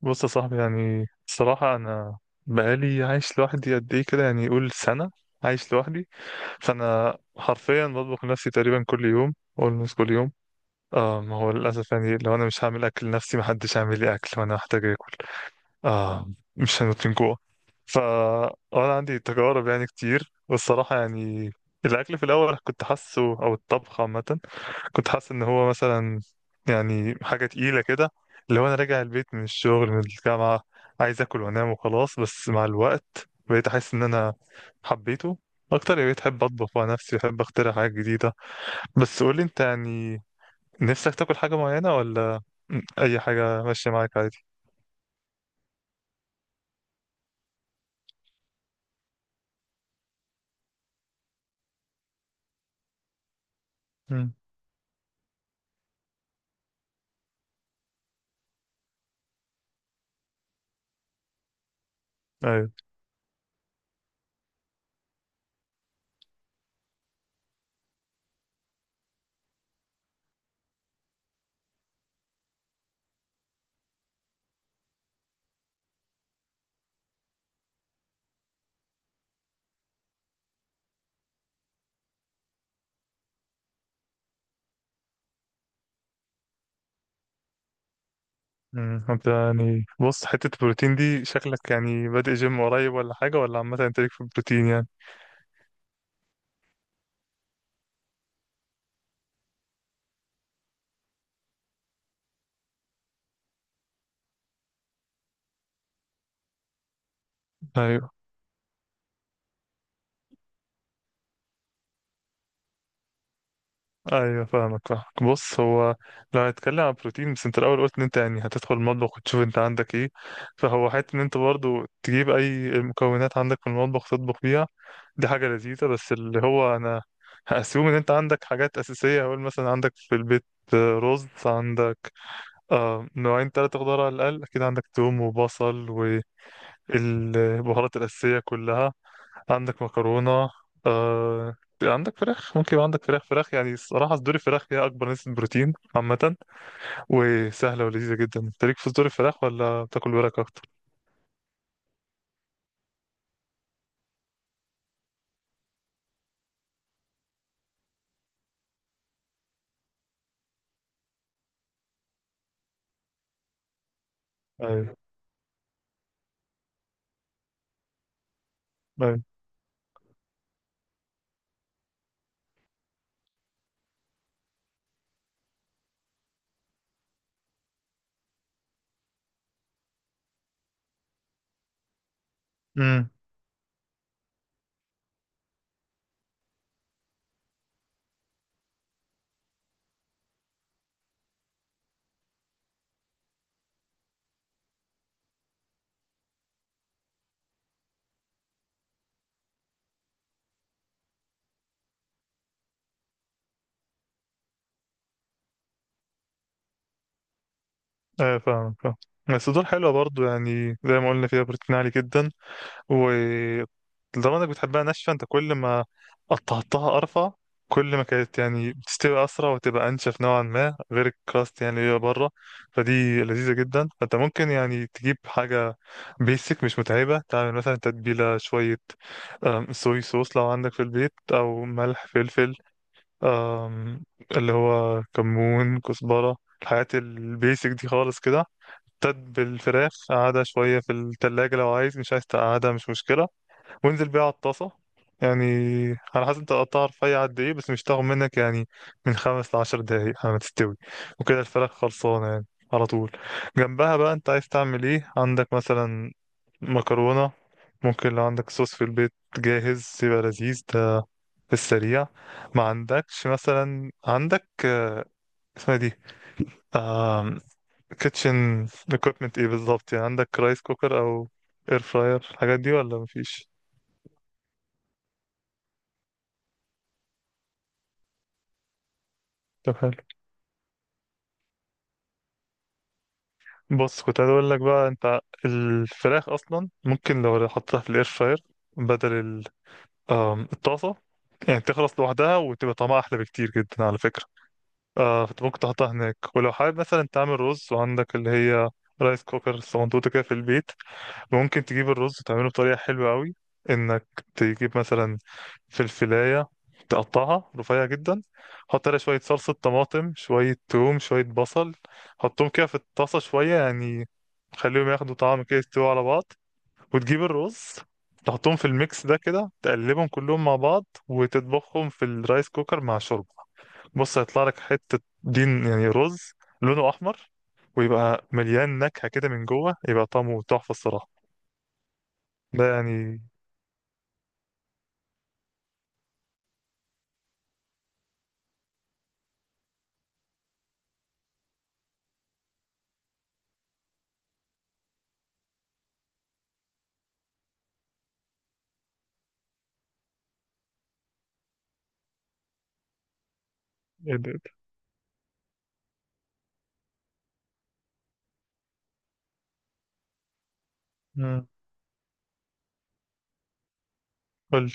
بص يا صاحبي، يعني الصراحة أنا بقالي عايش لوحدي قد إيه كده، يعني يقول سنة عايش لوحدي. فأنا حرفيا بطبخ لنفسي تقريبا كل يوم، أولموست كل يوم. ما هو للأسف يعني لو أنا مش هعمل أكل لنفسي محدش هيعمل لي أكل، وأنا محتاج آكل. آه مش هنموت من جوع. فا أنا عندي تجارب يعني كتير، والصراحة يعني الأكل في الأول كنت حاسه، أو الطبخ عامة كنت حاسس ان هو مثلا يعني حاجه تقيله كده، اللي هو انا راجع البيت من الشغل من الجامعه، عايز اكل وانام وخلاص. بس مع الوقت بقيت احس ان انا حبيته اكتر، يعني بقيت احب اطبخ مع نفسي، احب اخترع حاجات جديده. بس قولي انت يعني نفسك تاكل حاجه معينه، ولا اي حاجه ماشيه معاك عادي؟ امم. ايوه. امم، انت يعني بص، حته البروتين دي شكلك يعني بادئ جيم قريب ولا حاجه، ولا عامه انت ليك في البروتين يعني؟ ايوه. ايوه فاهمك فاهمك. بص هو لو هنتكلم عن بروتين بس، انت الاول قلت ان انت يعني هتدخل المطبخ وتشوف انت عندك ايه، فهو حته ان انت برضو تجيب اي المكونات عندك في المطبخ تطبخ بيها، دي حاجه لذيذه. بس اللي هو انا هاسيوم ان انت عندك حاجات اساسيه. هقول مثلا عندك في البيت رز، عندك نوعين ثلاثه خضار على الاقل، اكيد عندك توم وبصل والبهارات الاساسيه كلها، عندك مكرونة، آه... عندك فراخ. ممكن يبقى عندك فراخ يعني الصراحة صدور الفراخ هي أكبر نسبة بروتين عامة، وسهلة ولذيذة جدا. أنت ليك في صدور الفراخ ولا بتاكل ورك أكتر؟ أيوة. أيوة. أمم. أيوة فاهم فاهم. الصدور حلوة برضو، يعني زي ما قلنا فيها بروتين عالي جدا، ولدرجة انك بتحبها ناشفة انت، كل ما قطعتها ارفع كل ما كانت يعني بتستوي اسرع وتبقى انشف نوعا ما، غير الكراست يعني اللي هي بره. فدي لذيذة جدا. فانت ممكن يعني تجيب حاجة بيسك مش متعبة، تعمل مثلا تتبيلة شوية، صويا صوص لو عندك في البيت، او ملح فلفل، أم، اللي هو كمون كزبرة، الحاجات البيسك دي خالص كده. تتبل الفراخ، قعدها شوية في التلاجة لو عايز، مش عايز تقعدها مش مشكلة، وانزل بيها على الطاسة. يعني على حسب انت قطعها رفيع قد ايه، بس مش تاخد منك يعني من 5 ل10 دقايق على ما تستوي، وكده الفراخ خلصانة يعني على طول. جنبها بقى انت عايز تعمل ايه؟ عندك مثلا مكرونة، ممكن لو عندك صوص في البيت جاهز يبقى لذيذ ده في السريع. ما عندكش مثلا، عندك اسمها دي كيتشن equipment ايه بالظبط؟ يعني عندك رايس كوكر او اير فراير الحاجات دي، ولا مفيش؟ بص كنت عايز اقول لك بقى، انت الفراخ اصلا ممكن لو حطيتها في الاير فراير بدل ال- آم، الطاسه، يعني تخلص لوحدها وتبقى طعمها احلى بكتير جدا على فكره. آه فانت ممكن تحطها هناك. ولو حابب مثلا تعمل رز، وعندك اللي هي رايس كوكر صندوقة كده في البيت، ممكن تجيب الرز تعمله بطريقة حلوة قوي، انك تجيب مثلا فلفلاية تقطعها رفيع جدا، حط عليها شوية صلصة طماطم، شوية توم، شوية بصل، حطهم كده في الطاسة شوية يعني، خليهم ياخدوا طعم كده يستووا على بعض، وتجيب الرز تحطهم في الميكس ده كده، تقلبهم كلهم مع بعض وتطبخهم في الرايس كوكر مع شوربة. بص هيطلع لك حتة دين يعني، رز لونه أحمر، ويبقى مليان نكهة كده من جوه، يبقى طعمه تحفة الصراحة ده يعني. ايه ده؟ مم. قولي.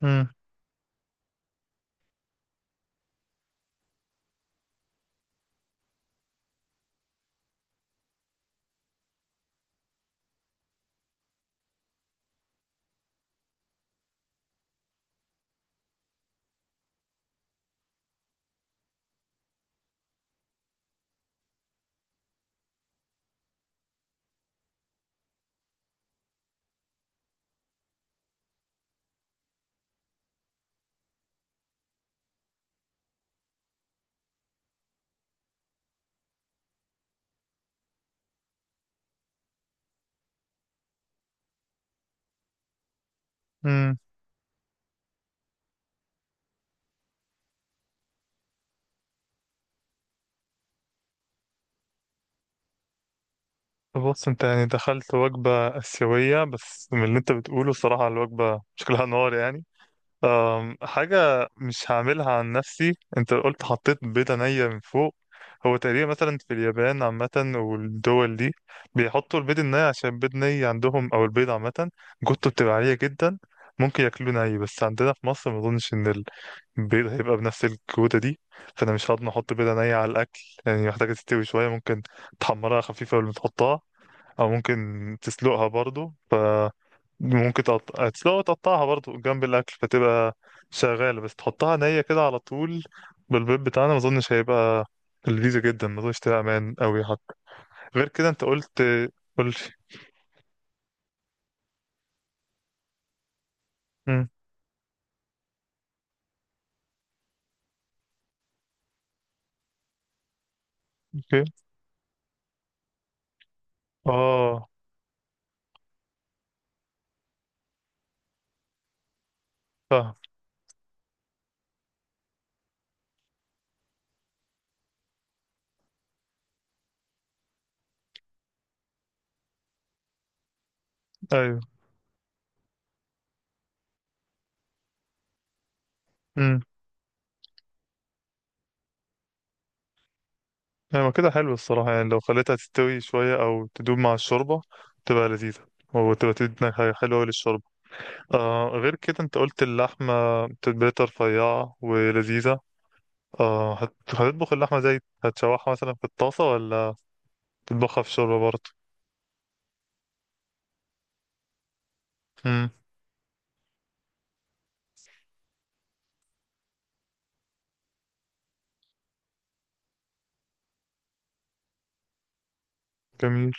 مم. مم. طب بص، انت يعني دخلت وجبة آسيوية، بس من اللي انت بتقوله الصراحة الوجبة شكلها نار يعني. أم، حاجة مش هعملها عن نفسي، انت قلت حطيت بيضة نية من فوق. هو تقريبا مثلا في اليابان عامة والدول دي بيحطوا البيض الني عشان البيض ني عندهم، او البيض عامة جوته بتبقى عالية جدا، ممكن ياكلوه ني. بس عندنا في مصر ما اظنش ان البيض هيبقى بنفس الجودة دي، فانا مش هضمن احط بيضة نية على الاكل، يعني محتاجة تستوي شوية. ممكن تحمرها خفيفة قبل ما تحطها، او ممكن تسلقها برضو. ممكن تسلقها وتقطعها برضو جنب الاكل، فتبقى شغاله. بس تحطها نيه كده على طول، بالبيض بتاعنا ما اظنش هيبقى لذيذه جدا، ما اظنش تبقى امان قوي حتى. غير كده انت قلت، قلت امم. اوكي. اه. فاهم. ايوه. امم. ايوه كده حلو الصراحه، يعني لو خليتها تستوي شويه او تدوب مع الشوربه تبقى لذيذه، وتبقى تدينا حاجة حلوة أوي للشوربة. آه غير كده أنت قلت اللحمة تتبيلة رفيعة ولذيذة. هتطبخ اللحمة زي، هتشوحها مثلا في الطاسة، ولا تطبخها في الشوربة برضه؟ امم. جميل.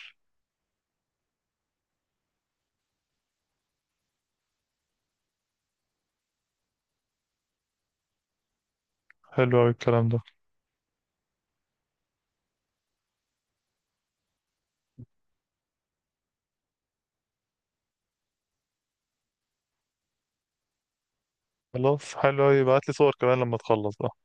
حلو أوي الكلام ده. خلاص حلو أوي، ابعتلي صور كمان لما تخلص بقى.